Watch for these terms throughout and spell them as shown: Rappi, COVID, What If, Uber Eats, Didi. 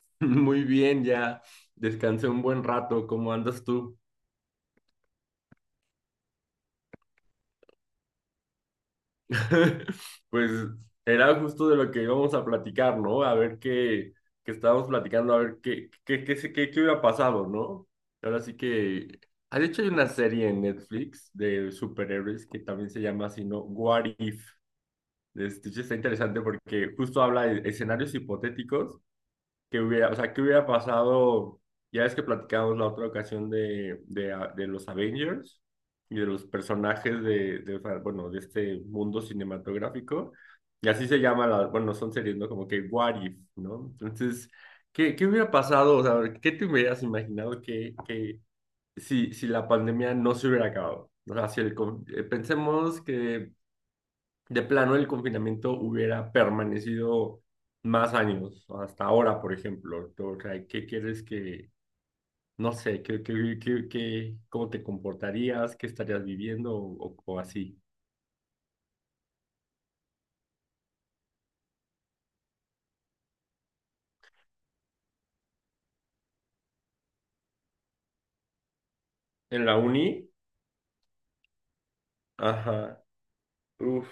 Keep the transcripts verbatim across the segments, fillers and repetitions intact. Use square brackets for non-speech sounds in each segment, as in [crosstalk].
[laughs] Muy bien, ya descansé un buen rato. ¿Cómo andas tú? [laughs] Pues era justo de lo que íbamos a platicar, ¿no? A ver qué, qué, estábamos platicando, a ver qué, qué, qué, se- qué, qué hubiera pasado, ¿no? Ahora sí que. Ah, de hecho, hay una serie en Netflix de superhéroes que también se llama así, ¿no? What If. Este, sí está interesante porque justo habla de escenarios hipotéticos que hubiera, o sea, qué hubiera pasado, ya ves que platicamos la otra ocasión de, de, a- de los Avengers y de los personajes de, de, o sea, bueno, de este mundo cinematográfico, y así se llama, la, bueno, son series, ¿no? Como que What If, ¿no? Entonces, ¿qué, qué hubiera pasado? O sea, ¿qué te hubieras imaginado que, que si, si la pandemia no se hubiera acabado? O sea, si el, con- eh, pensemos que de plano el confinamiento hubiera permanecido más años, hasta ahora, por ejemplo. O sea, ¿qué quieres que, no sé, qué, qué, qué, qué- cómo te comportarías, qué estarías viviendo o, o así? En la uni, ajá, uf,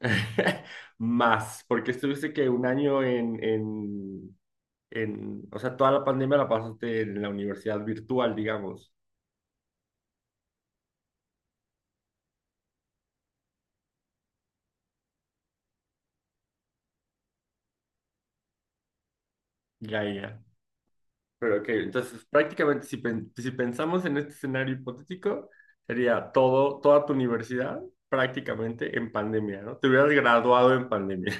[laughs] más, porque estuviste que un año en, en, en, o sea, toda la pandemia la pasaste en la universidad virtual, digamos. Ya, ya. Pero ok, entonces prácticamente si, pen- si pensamos en este escenario hipotético, sería todo, toda tu universidad prácticamente en pandemia, ¿no? Te hubieras graduado en pandemia.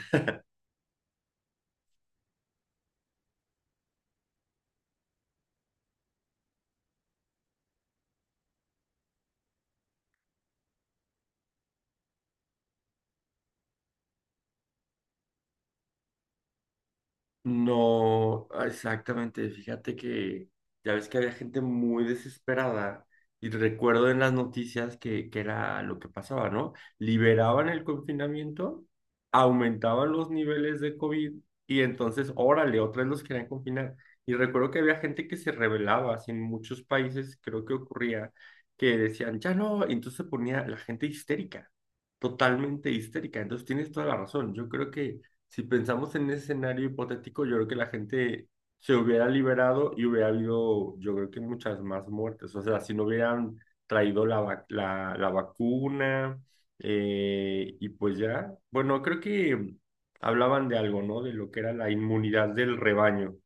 No, ah, exactamente. Fíjate que ya ves que había gente muy desesperada y recuerdo en las noticias que, que era lo que pasaba, ¿no? Liberaban el confinamiento, aumentaban los niveles de COVID y entonces, órale, otra vez los querían confinar. Y recuerdo que había gente que se rebelaba, así en muchos países creo que ocurría, que decían, ya no, y entonces se ponía la gente histérica, totalmente histérica. Entonces tienes toda la razón. Yo creo que si pensamos en ese escenario hipotético, yo creo que la gente se hubiera liberado y hubiera habido, yo creo que muchas más muertes. O sea, si no hubieran traído la, vac- la, la vacuna, eh, y pues ya, bueno, creo que hablaban de algo, ¿no? De lo que era la inmunidad del rebaño.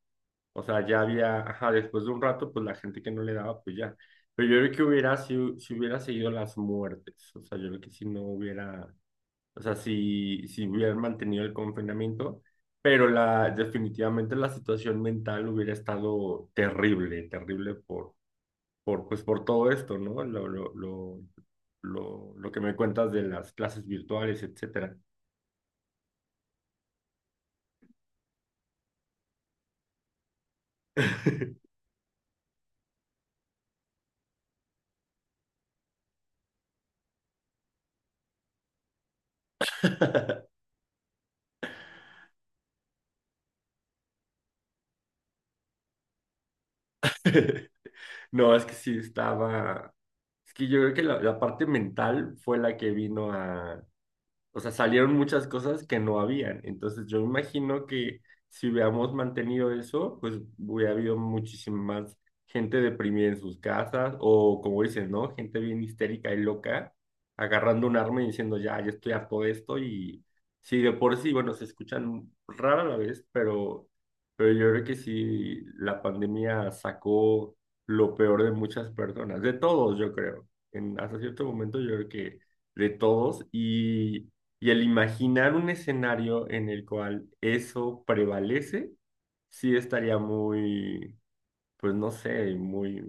O sea, ya había, ajá, después de un rato, pues la gente que no le daba, pues ya. Pero yo creo que hubiera, si, si hubiera seguido las muertes, o sea, yo creo que si no hubiera o sea, si, si hubieran mantenido el confinamiento, pero la, definitivamente la situación mental hubiera estado terrible, terrible por, por, pues por todo esto, ¿no? Lo, lo, lo, lo, lo que me cuentas de las clases virtuales, etcétera. [laughs] No, es que sí estaba, es que yo creo que la, la parte mental fue la que vino a, o sea, salieron muchas cosas que no habían. Entonces yo imagino que si hubiéramos mantenido eso, pues hubiera habido muchísima más gente deprimida en sus casas o como dices, ¿no? Gente bien histérica y loca, agarrando un arma y diciendo, ya, yo estoy harto de esto y sí, de por sí, bueno, se escuchan rara la vez, pero, pero yo creo que sí, la pandemia sacó lo peor de muchas personas, de todos, yo creo. En, hasta cierto momento yo creo que de todos y y el imaginar un escenario en el cual eso prevalece, sí estaría muy, pues no sé, muy,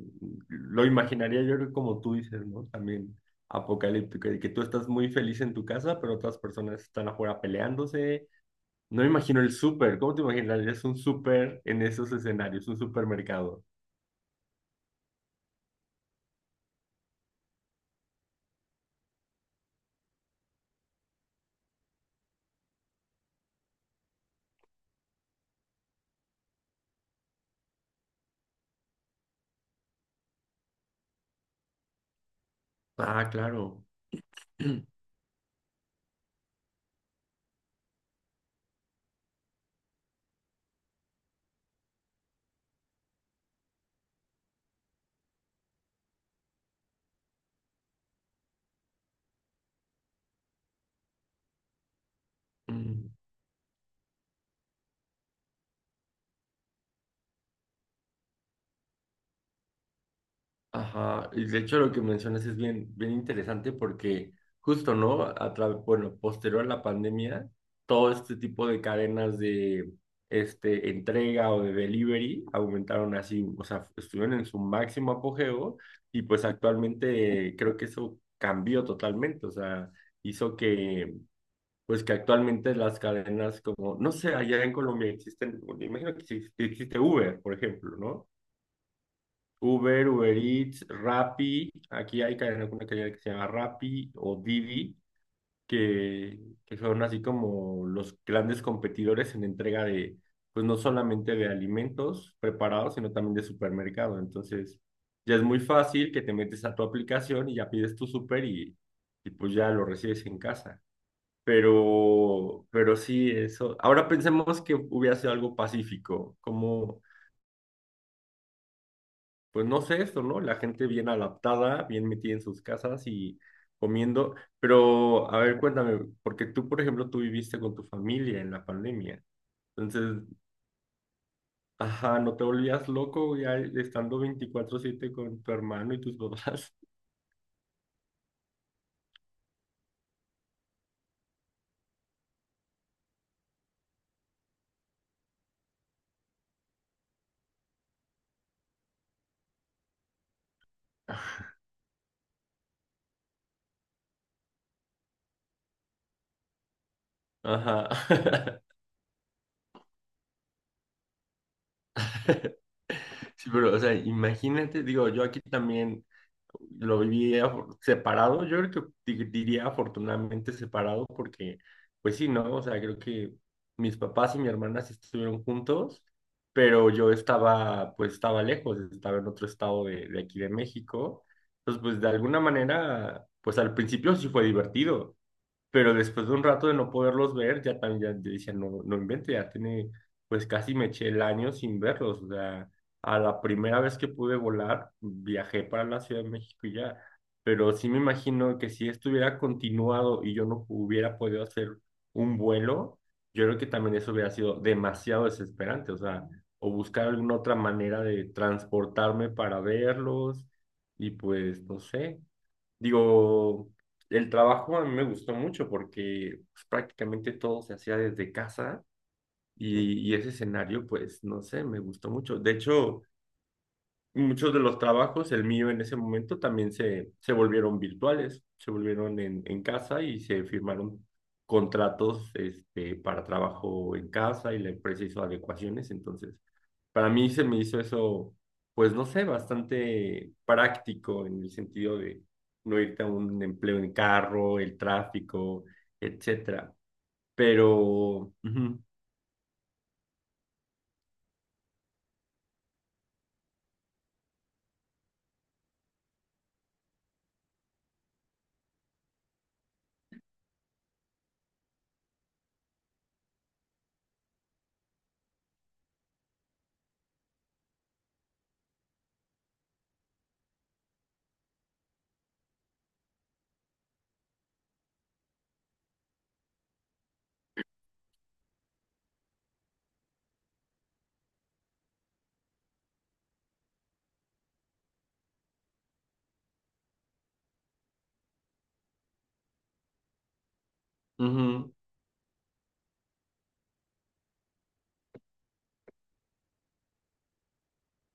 lo imaginaría yo creo que como tú dices, ¿no? También apocalíptico, de que tú estás muy feliz en tu casa, pero otras personas están afuera peleándose. No me imagino el súper, ¿cómo te imaginarías un súper en esos escenarios, un supermercado? Ah, claro. [clears throat] Ajá, y de hecho lo que mencionas es bien, bien interesante porque justo, ¿no? A tra- bueno, posterior a la pandemia, todo este tipo de cadenas de este, entrega o de delivery aumentaron así, o sea, estuvieron en su máximo apogeo y pues actualmente, eh, creo que eso cambió totalmente, o sea, hizo que, pues que actualmente las cadenas como, no sé, allá en Colombia existen, me imagino que sí existe Uber, por ejemplo, ¿no? Uber, Uber Eats, Rappi, aquí hay cadena- una cadena que se llama Rappi o Didi, que, que son así como los grandes competidores en entrega de, pues no solamente de alimentos preparados, sino también de supermercado. Entonces, ya es muy fácil que te metes a tu aplicación y ya pides tu super y, y pues ya lo recibes en casa. Pero, pero sí, eso. Ahora pensemos que hubiera sido algo pacífico, como pues no sé esto, ¿no? La gente bien adaptada, bien metida en sus casas y comiendo. Pero, a ver, cuéntame, porque tú, por ejemplo, tú viviste con tu familia en la pandemia. Entonces, ajá, ¿no te volvías loco ya estando veinticuatro siete con tu hermano y tus papás? Ajá. [laughs] Sí, pero, o sea, imagínate, digo, yo aquí también lo viví afo- separado, yo creo que di- diría afortunadamente separado porque, pues sí, ¿no? O sea, creo que mis papás y mi hermana sí estuvieron juntos, pero yo estaba, pues estaba lejos, estaba en otro estado de, de aquí de México. Entonces, pues de alguna manera, pues al principio sí fue divertido. Pero después de un rato de no poderlos ver, ya también ya, decía, no, no invente, ya tiene, pues casi me eché el año sin verlos. O sea, a la primera vez que pude volar, viajé para la Ciudad de México y ya. Pero sí me imagino que si estuviera continuado y yo no hubiera podido hacer un vuelo, yo creo que también eso hubiera sido demasiado desesperante. O sea, o buscar alguna otra manera de transportarme para verlos y pues, no sé. Digo, el trabajo a mí me gustó mucho porque pues, prácticamente todo se hacía desde casa y, y ese escenario, pues, no sé, me gustó mucho. De hecho, muchos de los trabajos, el mío en ese momento, también se, se volvieron virtuales, se volvieron en, en casa y se firmaron contratos, este, para trabajo en casa y la empresa hizo adecuaciones. Entonces, para mí se me hizo eso, pues no sé, bastante práctico en el sentido de no irte a un empleo en carro, el tráfico, etcétera. Pero, ujú, ujú,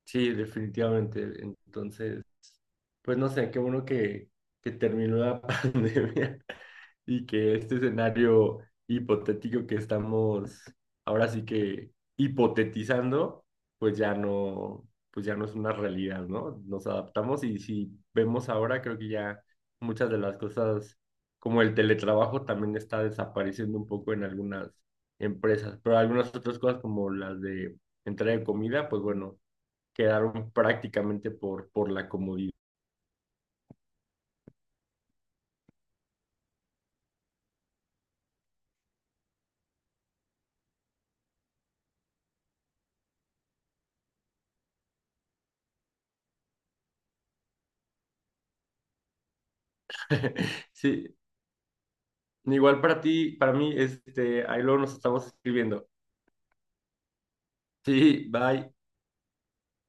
sí, definitivamente. Entonces, pues no sé, qué bueno que, que terminó la [laughs] pandemia y que este escenario hipotético que estamos ahora sí que hipotetizando, pues ya no, pues ya no es una realidad, ¿no? Nos adaptamos y si vemos ahora, creo que ya muchas de las cosas, como el teletrabajo, también está desapareciendo un poco en algunas empresas, pero algunas otras cosas como las de entrega de comida, pues bueno, quedaron prácticamente por, por la comodidad. [laughs] Sí, igual para ti, para mí, este, ahí luego nos estamos escribiendo. Sí, bye.